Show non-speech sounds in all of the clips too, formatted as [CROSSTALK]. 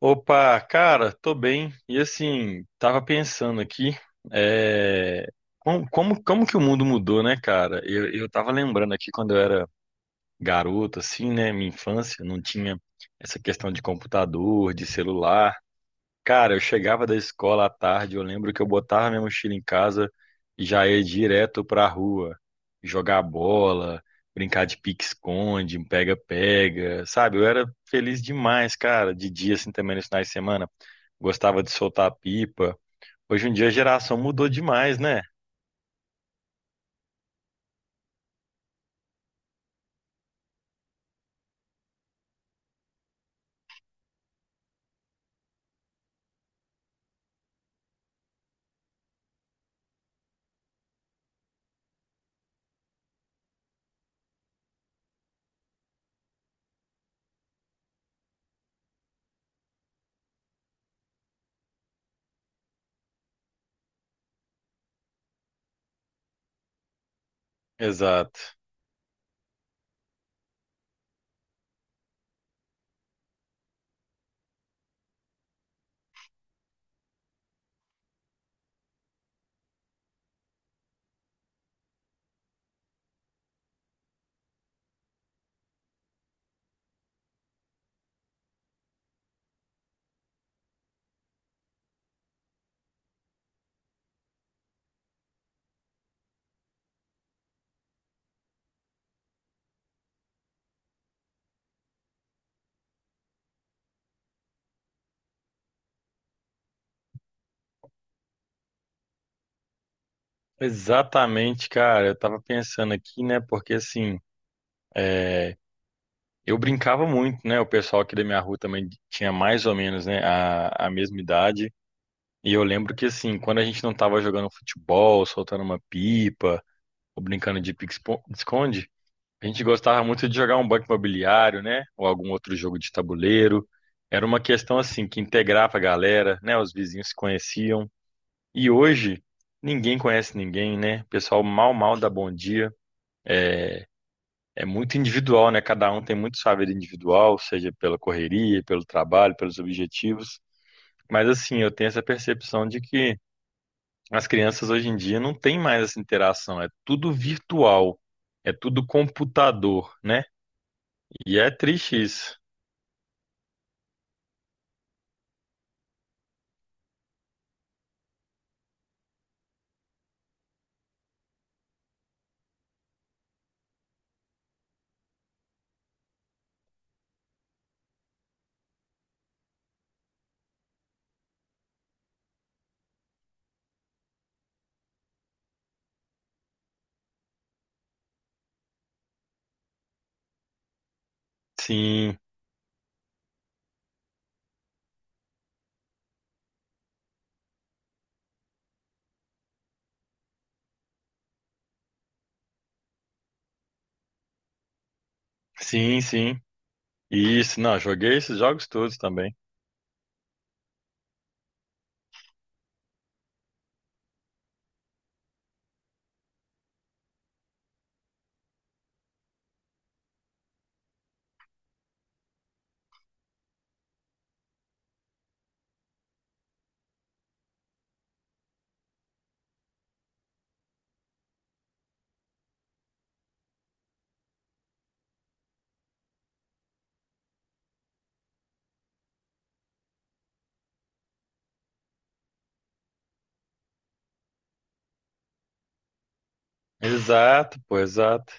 Opa, cara, tô bem. E assim, tava pensando aqui, é, como que o mundo mudou, né, cara? Eu tava lembrando aqui quando eu era garoto, assim, né, minha infância, não tinha essa questão de computador, de celular. Cara, eu chegava da escola à tarde, eu lembro que eu botava minha mochila em casa e já ia direto pra rua, jogar bola, brincar de pique-esconde, pega-pega, sabe? Eu era feliz demais, cara, de dia, assim, também nos finais de semana gostava de soltar pipa. Hoje em dia a geração mudou demais, né? Exato. Exatamente, cara. Eu tava pensando aqui, né? Porque assim, eu brincava muito, né? O pessoal aqui da minha rua também tinha mais ou menos, né, a mesma idade. E eu lembro que assim, quando a gente não tava jogando futebol, soltando uma pipa, ou brincando de pique-esconde, a gente gostava muito de jogar um banco imobiliário, né? Ou algum outro jogo de tabuleiro. Era uma questão assim que integrava a galera, né? Os vizinhos se conheciam. E hoje, ninguém conhece ninguém, né? O pessoal mal, mal dá bom dia. É muito individual, né? Cada um tem muito sua vida individual, seja pela correria, pelo trabalho, pelos objetivos. Mas assim, eu tenho essa percepção de que as crianças hoje em dia não têm mais essa interação. É tudo virtual, é tudo computador, né? E é triste isso. Sim, sim, sim. Isso, não, joguei esses jogos todos também. Exato, pô, exato,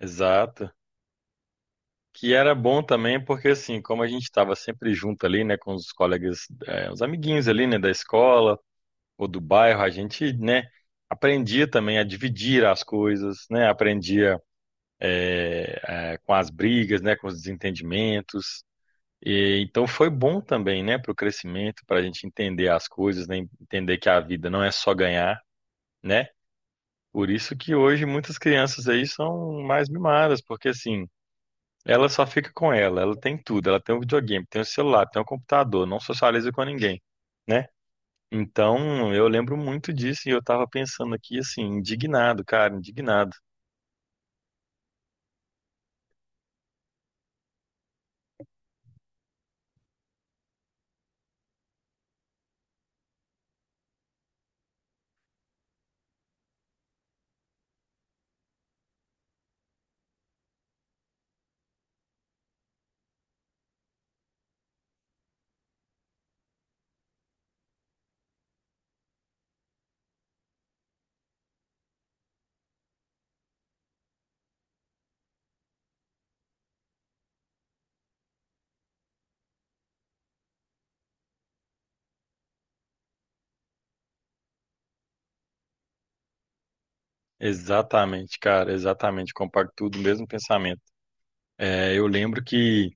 exato. Que era bom também, porque assim, como a gente estava sempre junto ali, né, com os colegas, os amiguinhos ali, né, da escola ou do bairro, a gente, né, aprendia também a dividir as coisas, né, aprendia com as brigas, né, com os desentendimentos. E, então foi bom também, né, para o crescimento, para a gente entender as coisas, né, entender que a vida não é só ganhar, né? Por isso que hoje muitas crianças aí são mais mimadas, porque assim ela só fica com ela, ela tem tudo, ela tem o videogame, tem o celular, tem o computador, não socializa com ninguém, né? Então, eu lembro muito disso e eu tava pensando aqui assim, indignado, cara, indignado. Exatamente, cara, exatamente, comparto tudo, o mesmo pensamento. É, eu lembro que,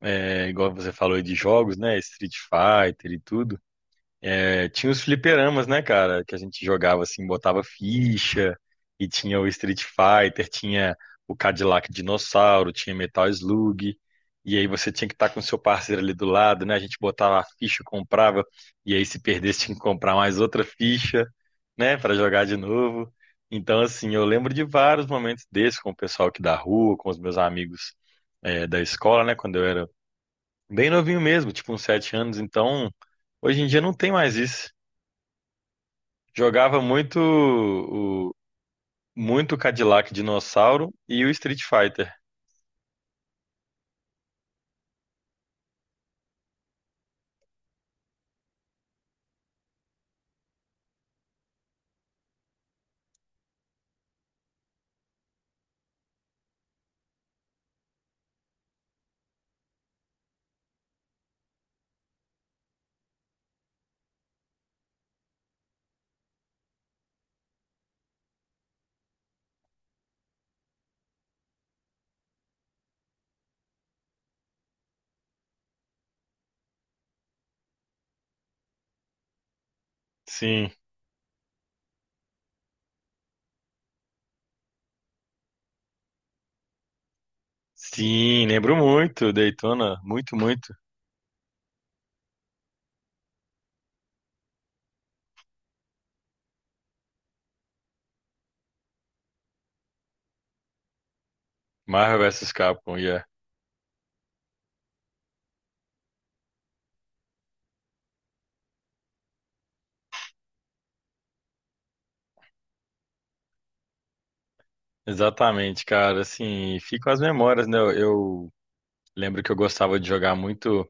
é, igual você falou aí de jogos, né, Street Fighter e tudo. É, tinha os fliperamas, né, cara? Que a gente jogava assim, botava ficha, e tinha o Street Fighter, tinha o Cadillac Dinossauro, tinha Metal Slug, e aí você tinha que estar com o seu parceiro ali do lado, né? A gente botava a ficha, comprava, e aí se perdesse tinha que comprar mais outra ficha, né, para jogar de novo. Então, assim, eu lembro de vários momentos desses com o pessoal aqui da rua, com os meus amigos, é, da escola, né, quando eu era bem novinho mesmo, tipo uns sete anos, então. Hoje em dia não tem mais isso. Jogava muito o muito Cadillac Dinossauro e o Street Fighter. Sim. Sim, lembro muito, Daytona, muito, muito. Marvel vs Capcom, yeah. Exatamente, cara, assim, ficam as memórias, né? Eu lembro que eu gostava de jogar muito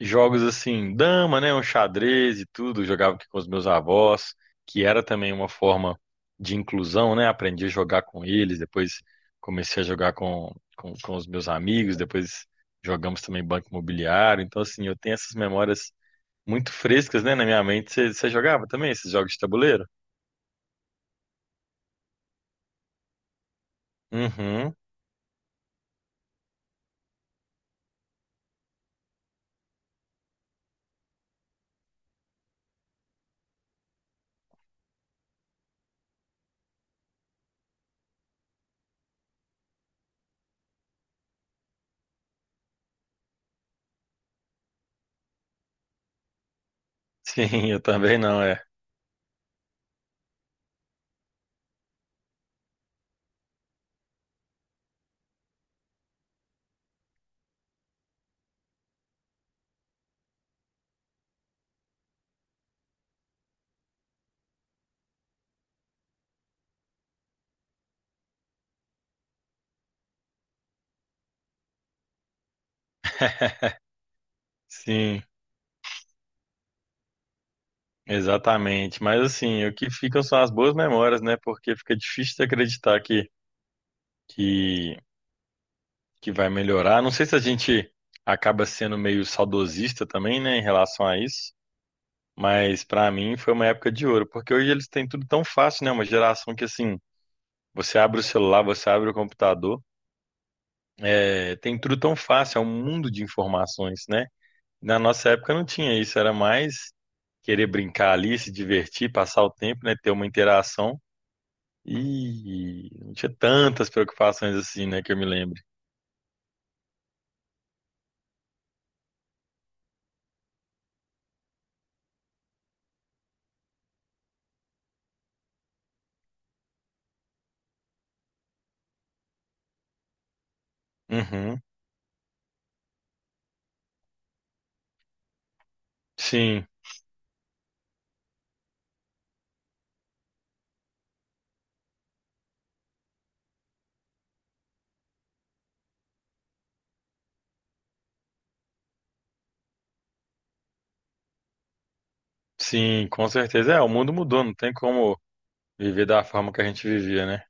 jogos assim, dama, né, um xadrez e tudo, eu jogava aqui com os meus avós, que era também uma forma de inclusão, né? Aprendi a jogar com eles, depois comecei a jogar com, com os meus amigos, depois jogamos também banco imobiliário. Então, assim, eu tenho essas memórias muito frescas, né, na minha mente. Você jogava também esses jogos de tabuleiro? Uhum. [LAUGHS] Sim, eu também não, é. Sim, exatamente. Mas assim, o que ficam são as boas memórias, né? Porque fica difícil de acreditar que, que que vai melhorar. Não sei se a gente acaba sendo meio saudosista também, né, em relação a isso, mas pra mim foi uma época de ouro, porque hoje eles têm tudo tão fácil, né? Uma geração que assim, você abre o celular, você abre o computador, é, tem tudo tão fácil, é um mundo de informações, né? Na nossa época não tinha isso, era mais querer brincar ali, se divertir, passar o tempo, né, ter uma interação. E não tinha tantas preocupações assim, né, que eu me lembre. Uhum, sim. Sim, com certeza. É, o mundo mudou, não tem como viver da forma que a gente vivia, né?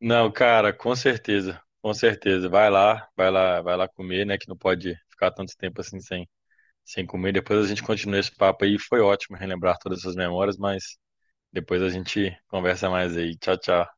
Não, cara, com certeza, com certeza. Vai lá, vai lá, vai lá comer, né? Que não pode ficar tanto tempo assim sem, sem comer. Depois a gente continua esse papo aí. Foi ótimo relembrar todas essas memórias, mas depois a gente conversa mais aí. Tchau, tchau.